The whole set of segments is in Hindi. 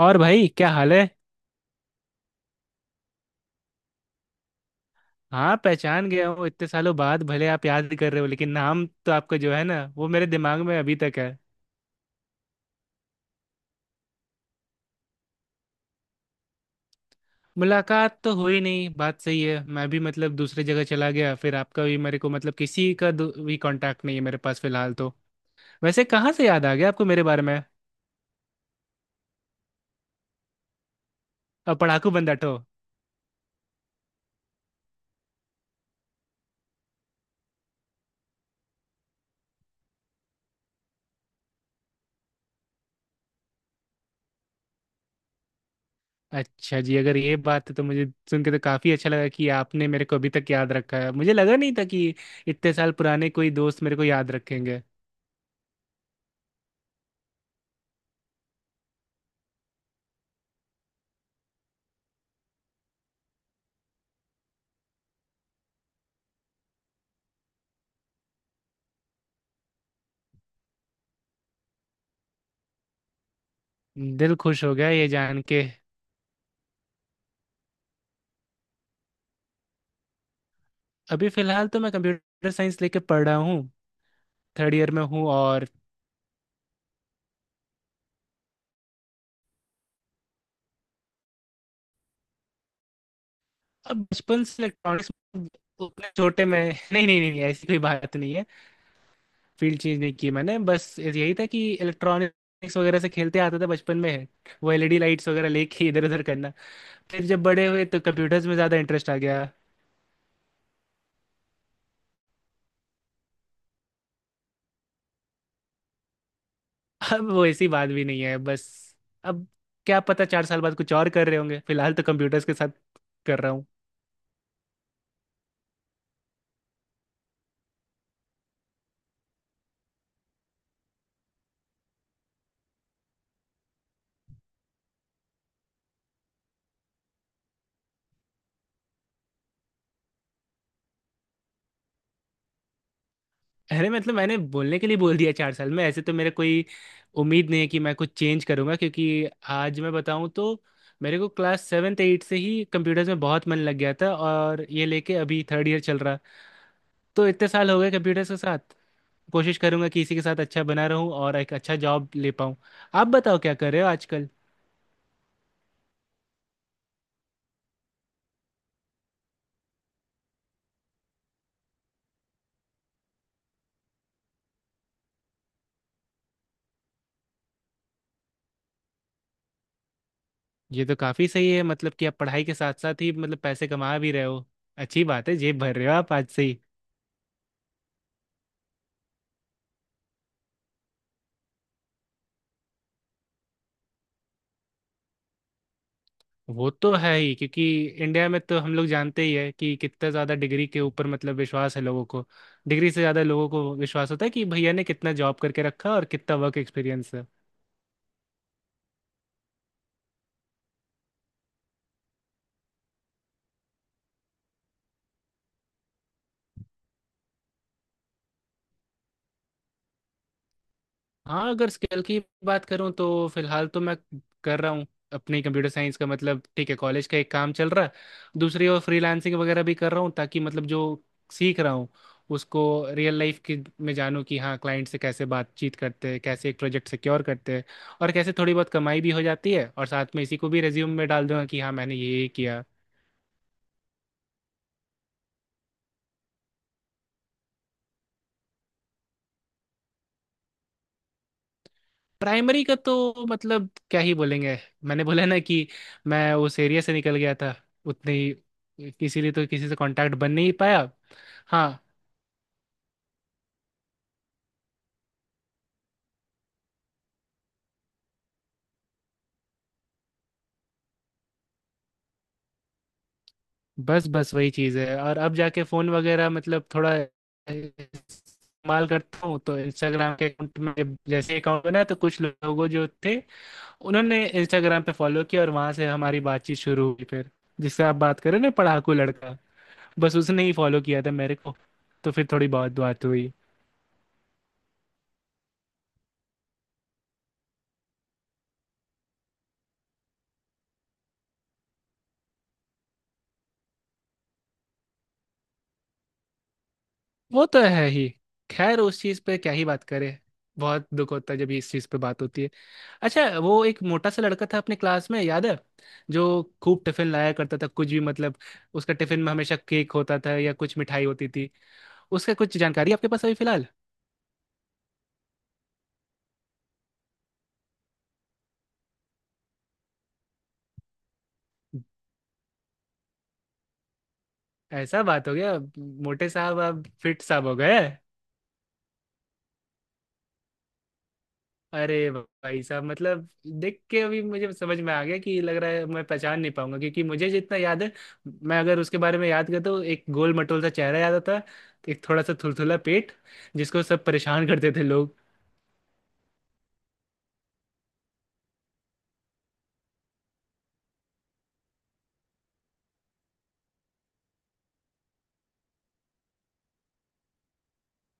और भाई क्या हाल है। हाँ, पहचान गया हूँ। इतने सालों बाद भले आप याद कर रहे हो लेकिन नाम तो आपका जो है ना वो मेरे दिमाग में अभी तक है। मुलाकात तो हुई नहीं, बात सही है। मैं भी मतलब दूसरी जगह चला गया, फिर आपका भी मेरे को मतलब किसी का भी कांटेक्ट नहीं है मेरे पास फिलहाल तो। वैसे कहाँ से याद आ गया आपको मेरे बारे में? अब पढ़ाकू बंदाठो। अच्छा जी, अगर ये बात है तो मुझे सुन के तो काफ़ी अच्छा लगा कि आपने मेरे को अभी तक याद रखा है। मुझे लगा नहीं था कि इतने साल पुराने कोई दोस्त मेरे को याद रखेंगे। दिल खुश हो गया ये जान के। अभी फिलहाल तो मैं कंप्यूटर साइंस लेके पढ़ रहा हूँ। थर्ड ईयर में हूँ और अब बचपन से इलेक्ट्रॉनिक्स उतने छोटे में नहीं नहीं नहीं नहीं, ऐसी कोई बात नहीं है। फील्ड चेंज नहीं की मैंने, बस यही था कि इलेक्ट्रॉनिक्स वगैरह से खेलते आता था बचपन में। वो एलईडी लाइट्स वगैरह लेके इधर उधर करना। फिर जब बड़े हुए तो कंप्यूटर्स में ज़्यादा इंटरेस्ट आ गया। अब वो ऐसी बात भी नहीं है बस। अब क्या पता 4 साल बाद कुछ और कर रहे होंगे, फिलहाल तो कंप्यूटर्स के साथ कर रहा। अरे मतलब मैंने बोलने के लिए बोल दिया, 4 साल में ऐसे तो मेरे कोई उम्मीद नहीं है कि मैं कुछ चेंज करूंगा क्योंकि आज मैं बताऊं तो मेरे को क्लास सेवेंथ एट से ही कंप्यूटर्स में बहुत मन लग गया था और ये लेके अभी थर्ड ईयर चल रहा। तो इतने साल हो गए कंप्यूटर्स के साथ। कोशिश करूंगा कि इसी के साथ अच्छा बना रहूं और एक अच्छा जॉब ले पाऊं। आप बताओ क्या कर रहे हो आजकल? ये तो काफ़ी सही है, मतलब कि आप पढ़ाई के साथ साथ ही मतलब पैसे कमा भी रहे हो। अच्छी बात है, जेब भर रहे हो आप आज से। वो तो है ही क्योंकि इंडिया में तो हम लोग जानते ही है कि कितना ज़्यादा डिग्री के ऊपर मतलब विश्वास है लोगों को। डिग्री से ज़्यादा लोगों को विश्वास होता है कि भैया ने कितना जॉब करके रखा और कितना वर्क एक्सपीरियंस है। हाँ, अगर स्किल की बात करूँ तो फिलहाल तो मैं कर रहा हूँ अपनी कंप्यूटर साइंस का, मतलब ठीक है, कॉलेज का एक काम चल रहा है। दूसरी ओर फ्रीलांसिंग वगैरह भी कर रहा हूँ ताकि मतलब जो सीख रहा हूँ उसको रियल लाइफ की में जानूँ कि हाँ क्लाइंट से कैसे बातचीत करते हैं, कैसे एक प्रोजेक्ट सिक्योर करते हैं और कैसे थोड़ी बहुत कमाई भी हो जाती है, और साथ में इसी को भी रेज्यूम में डाल दूंगा कि हाँ मैंने ये किया। प्राइमरी का तो मतलब क्या ही बोलेंगे। मैंने बोला ना कि मैं उस एरिया से निकल गया था। उतने ही, इसीलिए तो किसी से कांटेक्ट बन नहीं पाया। हाँ। बस बस वही चीज़ है। और अब जाके फ़ोन वगैरह मतलब थोड़ा इस्तेमाल करता हूँ तो इंस्टाग्राम के अकाउंट में, जैसे अकाउंट बना तो कुछ लोगों जो थे उन्होंने इंस्टाग्राम पे फॉलो किया और वहां से हमारी बातचीत शुरू हुई फिर। जिससे आप बात करें ना, पढ़ाकू लड़का, बस उसने ही फॉलो किया था मेरे को। तो फिर थोड़ी बहुत बात हुई। वो तो है ही। खैर, उस चीज पे क्या ही बात करें। बहुत दुख होता है जब इस चीज पे बात होती है। अच्छा, वो एक मोटा सा लड़का था अपने क्लास में, याद है? जो खूब टिफिन लाया करता था, कुछ भी मतलब उसका टिफिन में हमेशा केक होता था या कुछ मिठाई होती थी। उसका कुछ जानकारी आपके पास अभी फिलहाल? ऐसा बात हो गया, मोटे साहब आप फिट साहब हो गए। अरे भाई साहब, मतलब देख के अभी मुझे समझ में आ गया कि लग रहा है मैं पहचान नहीं पाऊंगा क्योंकि मुझे जितना याद है, मैं अगर उसके बारे में याद करता हूँ, एक गोल मटोल सा चेहरा याद आता है, एक थोड़ा सा थुलथुला पेट, जिसको सब परेशान करते थे लोग।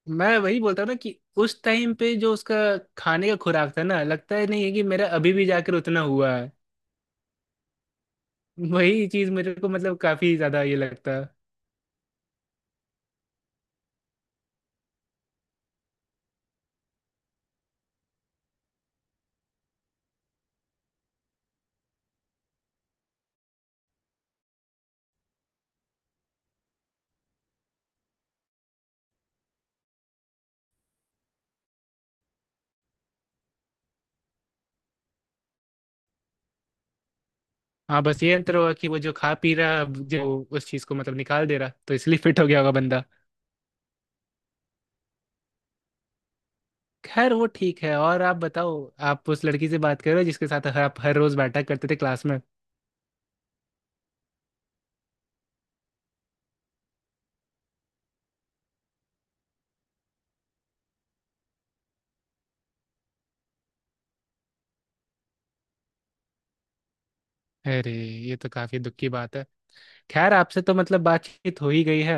मैं वही बोलता हूँ ना कि उस टाइम पे जो उसका खाने का खुराक था ना, लगता है नहीं है कि मेरा अभी भी जाकर उतना हुआ है। वही चीज मेरे को मतलब काफी ज्यादा ये लगता है। हाँ, बस ये अंतर हुआ कि वो जो खा पी रहा जो उस चीज को मतलब निकाल दे रहा, तो इसलिए फिट हो गया होगा बंदा। खैर वो ठीक है और आप बताओ। आप उस लड़की से बात करो जिसके साथ आप हर रोज बैठा करते थे क्लास में? अरे, ये तो काफी दुख की बात है। खैर, आपसे तो मतलब बातचीत हो ही गई है।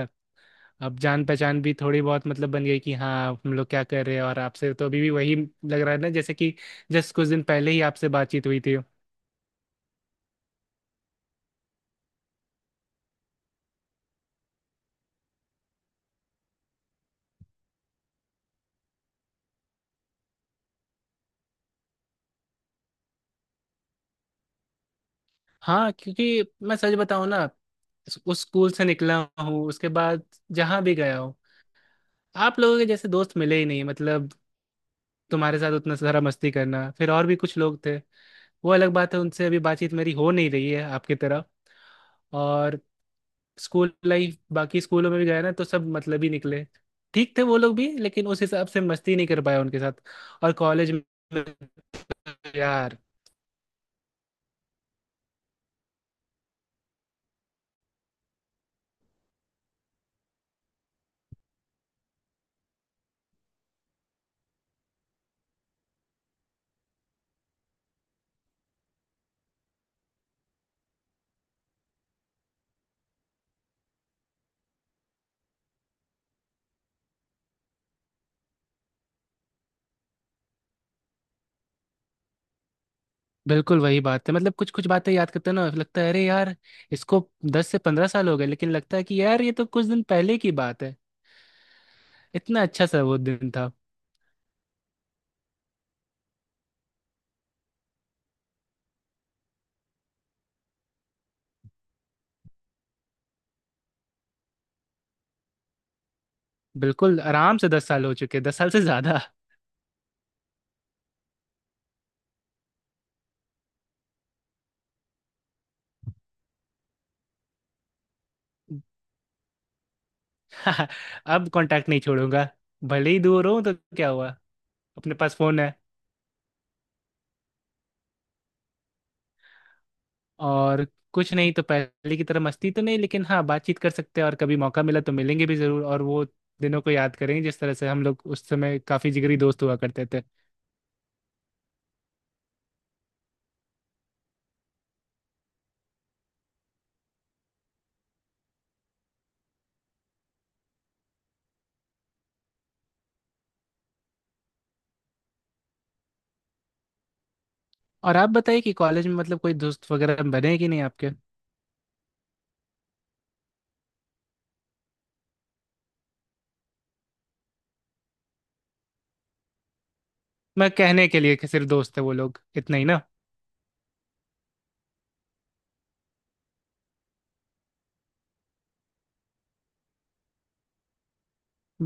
अब जान पहचान भी थोड़ी बहुत मतलब बन गई कि हाँ हम लोग क्या कर रहे हैं, और आपसे तो अभी भी वही लग रहा है ना जैसे कि जस्ट कुछ दिन पहले ही आपसे बातचीत हुई थी। हाँ क्योंकि मैं सच बताऊं ना, उस स्कूल से निकला हूँ उसके बाद जहाँ भी गया हूँ, आप लोगों के जैसे दोस्त मिले ही नहीं। मतलब तुम्हारे साथ उतना सारा मस्ती करना, फिर और भी कुछ लोग थे, वो अलग बात है, उनसे अभी बातचीत मेरी हो नहीं रही है आपकी तरह। और स्कूल लाइफ, बाकी स्कूलों में भी गया ना तो सब मतलब ही निकले। ठीक थे वो लोग भी लेकिन उस हिसाब से मस्ती नहीं कर पाया उनके साथ। और कॉलेज में तो यार, बिल्कुल वही बात है, मतलब कुछ कुछ बातें याद करते हैं ना, लगता है अरे यार इसको 10 से 15 साल हो गए लेकिन लगता है कि यार ये तो कुछ दिन पहले की बात है। इतना अच्छा सा वो दिन था। बिल्कुल आराम से 10 साल हो चुके, 10 साल से ज्यादा। अब कांटेक्ट नहीं छोड़ूंगा, भले ही दूर हूं तो क्या हुआ। अपने पास फोन है और कुछ नहीं तो पहले की तरह मस्ती तो नहीं, लेकिन हाँ बातचीत कर सकते हैं और कभी मौका मिला तो मिलेंगे भी जरूर, और वो दिनों को याद करेंगे जिस तरह से हम लोग उस समय काफी जिगरी दोस्त हुआ करते थे। और आप बताइए कि कॉलेज में मतलब कोई दोस्त वगैरह बने हैं कि नहीं आपके? मैं कहने के लिए कि सिर्फ दोस्त है वो लोग, इतना ही ना।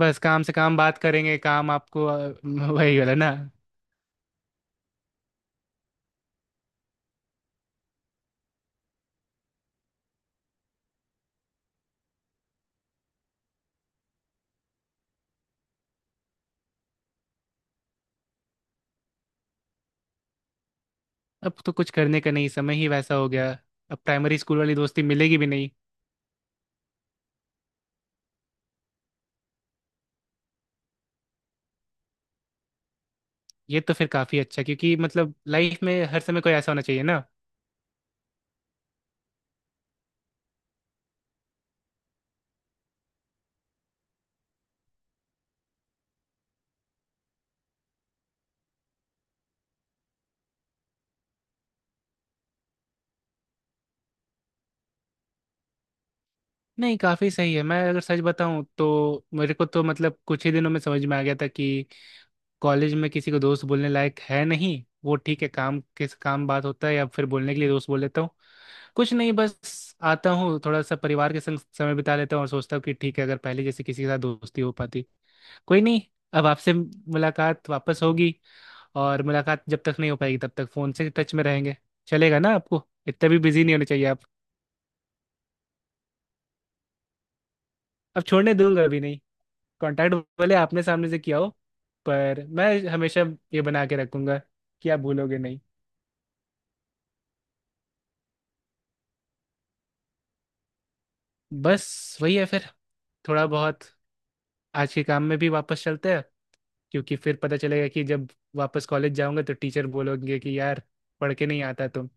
बस काम से काम बात करेंगे, काम आपको वही वाला ना। अब तो कुछ करने का नहीं, समय ही वैसा हो गया। अब प्राइमरी स्कूल वाली दोस्ती मिलेगी भी नहीं। ये तो फिर काफ़ी अच्छा, क्योंकि मतलब लाइफ में हर समय कोई ऐसा होना चाहिए ना। नहीं, काफ़ी सही है। मैं अगर सच बताऊं तो मेरे को तो मतलब कुछ ही दिनों में समझ में आ गया था कि कॉलेज में किसी को दोस्त बोलने लायक है नहीं। वो ठीक है, काम किस काम बात होता है या फिर बोलने के लिए दोस्त बोल लेता हूँ। कुछ नहीं, बस आता हूँ थोड़ा सा परिवार के संग समय बिता लेता हूँ और सोचता हूँ कि ठीक है, अगर पहले जैसे किसी के साथ दोस्ती हो पाती। कोई नहीं, अब आपसे मुलाकात वापस होगी। और मुलाकात जब तक नहीं हो पाएगी तब तक फोन से टच में रहेंगे। चलेगा ना आपको? इतना भी बिजी नहीं होने चाहिए आप। अब छोड़ने दूंगा अभी नहीं। कांटेक्ट, भले आपने सामने से किया हो, पर मैं हमेशा ये बना के रखूंगा कि आप भूलोगे नहीं। बस वही है फिर। थोड़ा बहुत आज के काम में भी वापस चलते हैं, क्योंकि फिर पता चलेगा कि जब वापस कॉलेज जाऊंगा तो टीचर बोलोगे कि यार पढ़ के नहीं आता तुम।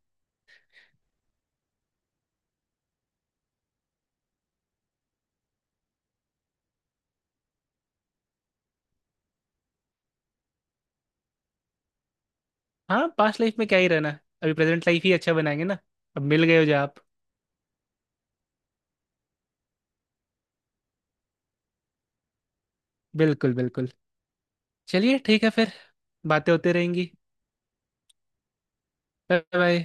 हाँ, पास्ट लाइफ में क्या ही रहना। अभी प्रेजेंट लाइफ ही अच्छा बनाएंगे ना। अब मिल गए हो जो आप। बिल्कुल बिल्कुल। चलिए ठीक है फिर। बातें होती रहेंगी। Bye bye.